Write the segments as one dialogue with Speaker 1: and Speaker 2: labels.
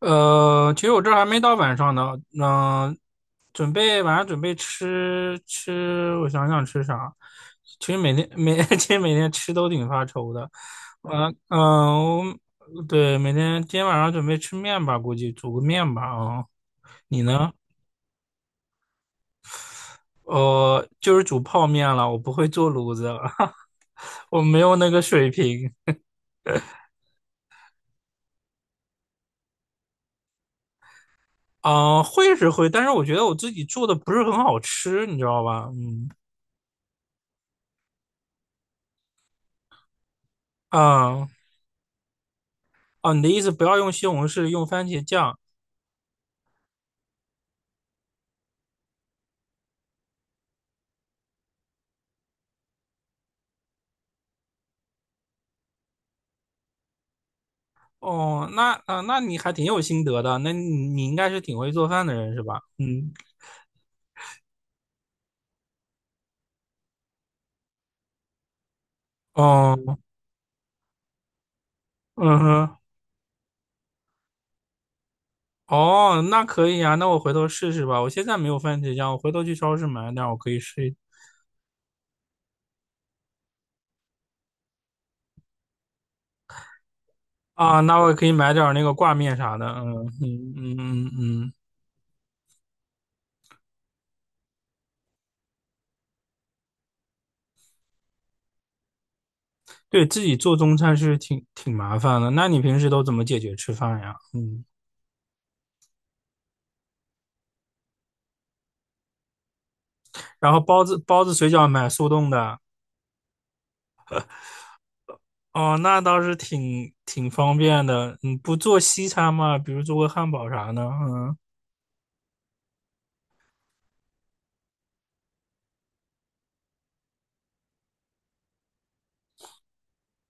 Speaker 1: 其实我这还没到晚上呢，嗯、晚上准备吃吃，我想想吃啥。其实每天每 其实每天吃都挺发愁的，嗯、嗯、我对，今天晚上准备吃面吧，估计煮个面吧你呢？就是煮泡面了，我不会做炉子了，我没有那个水平。嗯、会是会，但是我觉得我自己做的不是很好吃，你知道吧？嗯啊。哦，你的意思不要用西红柿，用番茄酱。哦，那你还挺有心得的，那你应该是挺会做饭的人是吧？嗯，哦，嗯哼，哦，那可以啊，那我回头试试吧。我现在没有番茄酱，我回头去超市买点儿，我可以试一。啊，那我也可以买点儿那个挂面啥的。嗯嗯嗯嗯嗯，对自己做中餐是挺麻烦的。那你平时都怎么解决吃饭呀？嗯，然后包子水饺买速冻的。哦，那倒是挺方便的。你不做西餐吗？比如做个汉堡啥的？嗯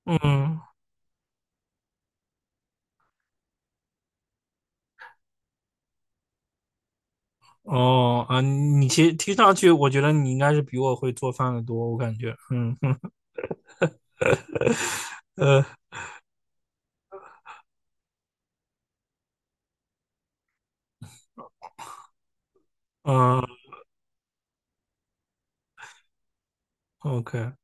Speaker 1: 嗯，哦啊，你其实听上去，我觉得你应该是比我会做饭的多，我感觉。嗯嗯呃嗯，OK。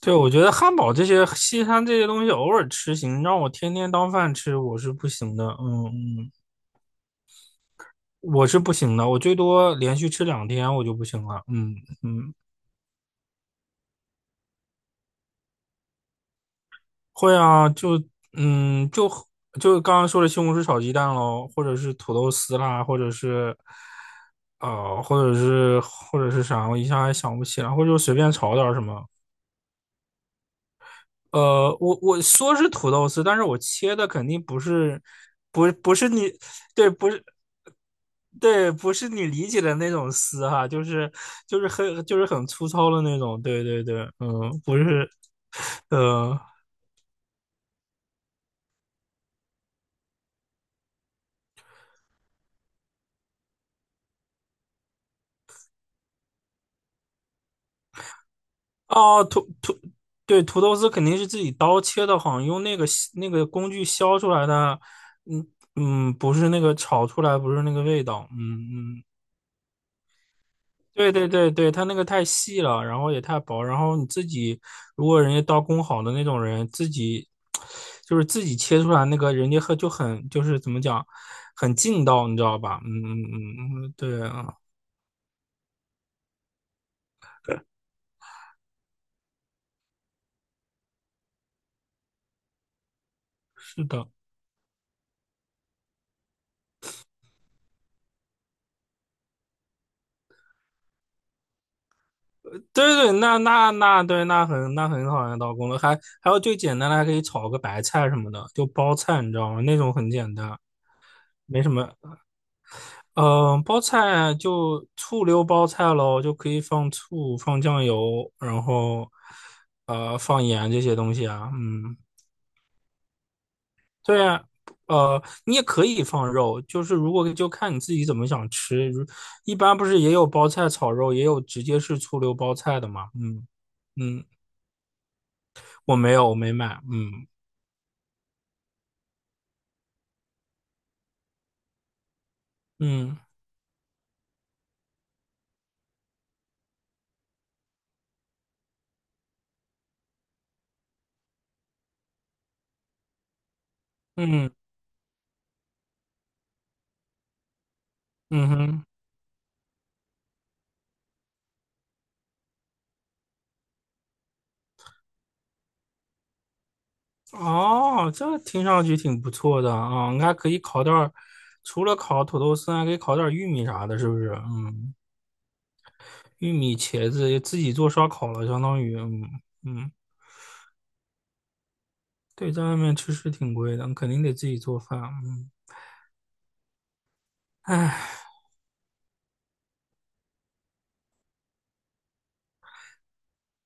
Speaker 1: 对，我觉得汉堡这些西餐这些东西偶尔吃行，让我天天当饭吃我是不行的。嗯嗯，我是不行的，我最多连续吃2天我就不行了。嗯嗯。会啊，就嗯，就就刚刚说的西红柿炒鸡蛋喽，或者是土豆丝啦，或者是啥，我一下还想不起来，或者就随便炒点儿什么。我说是土豆丝，但是我切的肯定不是，不是不是你，对，不是对，不是你理解的那种丝哈，就是就是很就是很粗糙的那种，对对对，嗯，不是，呃哦，对，土豆丝肯定是自己刀切的，好像用那个削那个工具削出来的，嗯嗯，不是那个炒出来，不是那个味道，嗯嗯，对对对对，它那个太细了，然后也太薄，然后你自己如果人家刀工好的那种人，自己就是自己切出来那个，人家很怎么讲，很劲道，你知道吧？嗯嗯嗯嗯，对啊，是的。对对对，那对，那很好的刀工了，还有最简单的，还可以炒个白菜什么的，就包菜，你知道吗？那种很简单，没什么。嗯、包菜就醋溜包菜喽，就可以放醋、放酱油，然后放盐这些东西啊。嗯，对啊，你也可以放肉，就是如果就看你自己怎么想吃。一般不是也有包菜炒肉，也有直接是醋溜包菜的嘛。嗯嗯。我没有，我没买。嗯嗯嗯嗯哼，哦，这听上去挺不错的啊，你可以烤点儿，除了烤土豆丝，还可以烤点儿玉米啥的，是不是？嗯，玉米、茄子自己做烧烤了，相当于，嗯嗯，对，在外面吃是挺贵的，肯定得自己做饭。嗯，唉。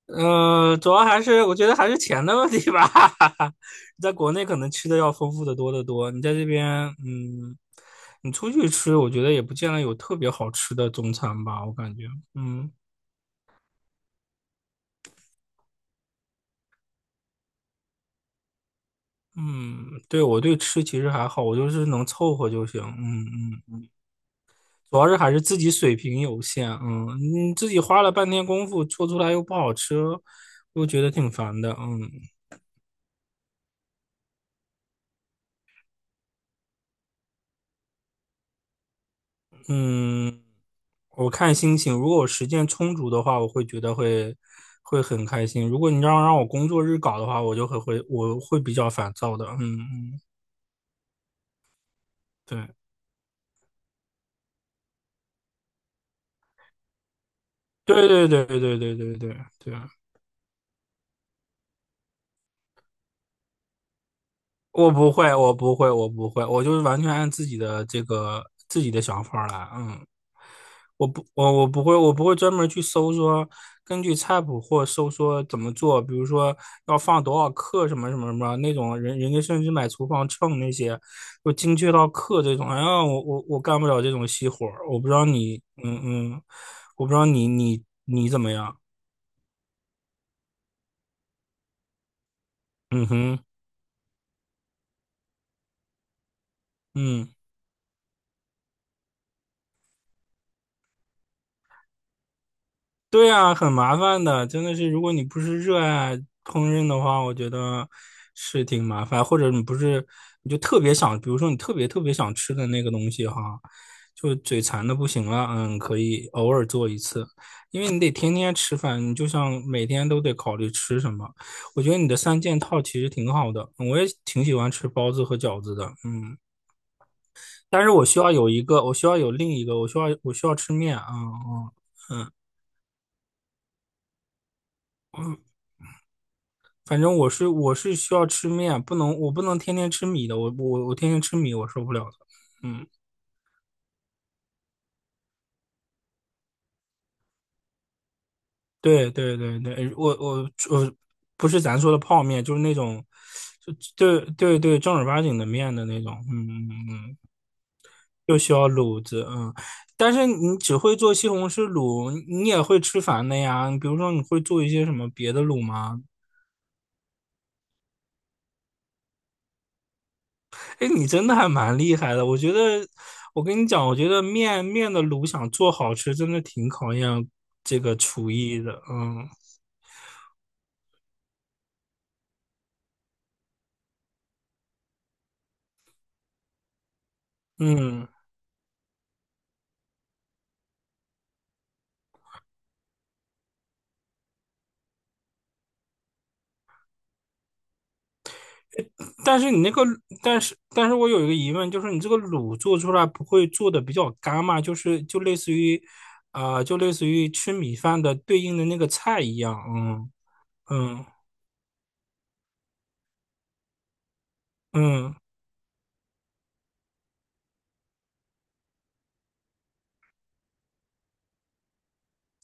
Speaker 1: 嗯，主要还是我觉得还是钱的问题吧。在国内可能吃的要丰富的多得多，你在这边，嗯，你出去吃，我觉得也不见得有特别好吃的中餐吧，我感觉，嗯嗯，对我对吃其实还好，我就是能凑合就行，嗯嗯，主要是还是自己水平有限，嗯，你自己花了半天功夫做出来又不好吃，又觉得挺烦的，嗯嗯。我看心情，如果我时间充足的话，我会觉得会很开心。如果你让我工作日搞的话，我就会会我会比较烦躁的。嗯嗯，对对对对对对对对对，对，我不会，我不会，我不会，我就是完全按自己的这个自己的想法来。嗯我不会，我不会专门去搜说根据菜谱或搜说怎么做，比如说要放多少克什么什么什么那种人，人家甚至买厨房秤那些，就精确到克这种。哎呀，我干不了这种细活儿，我不知道你，嗯嗯，我不知道你怎么样，嗯哼，嗯。对啊，很麻烦的，真的是，如果你不是热爱烹饪的话，我觉得是挺麻烦，或者你不是，你就特别想，比如说你特别特别想吃的那个东西哈，就嘴馋的不行了，嗯，可以偶尔做一次，因为你得天天吃饭，你就像每天都得考虑吃什么。我觉得你的三件套其实挺好的，我也挺喜欢吃包子和饺子的，嗯，但是我需要有一个，我需要有另一个，我需要吃面啊，嗯反正我是需要吃面，不能我不能天天吃米的，我天天吃米我受不了的。嗯，对对对对，我不是咱说的泡面，就是那种，就对对对正儿八经的面的那种。嗯嗯嗯，就需要卤子。嗯，但是你只会做西红柿卤，你也会吃烦的呀。比如说你会做一些什么别的卤吗？哎，你真的还蛮厉害的。我觉得，我跟你讲，我觉得面的卤想做好吃，真的挺考验这个厨艺的。嗯嗯，但是你那个，但是但是我有一个疑问，就是你这个卤做出来不会做的比较干嘛？就是就类似于，啊、就类似于吃米饭的对应的那个菜一样。嗯嗯嗯，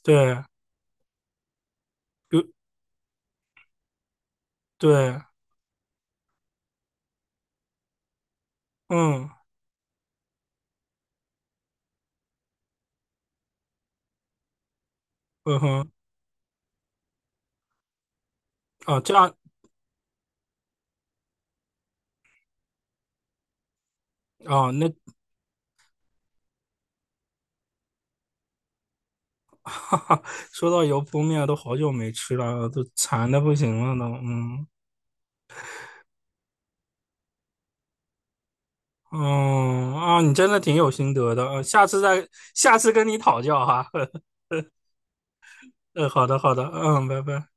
Speaker 1: 对，比如对，嗯嗯哼，啊这样啊那 哈哈，说到油泼面，都好久没吃了，都馋的不行了都。嗯嗯啊，你真的挺有心得的，下次跟你讨教哈。好的好的，嗯，拜拜。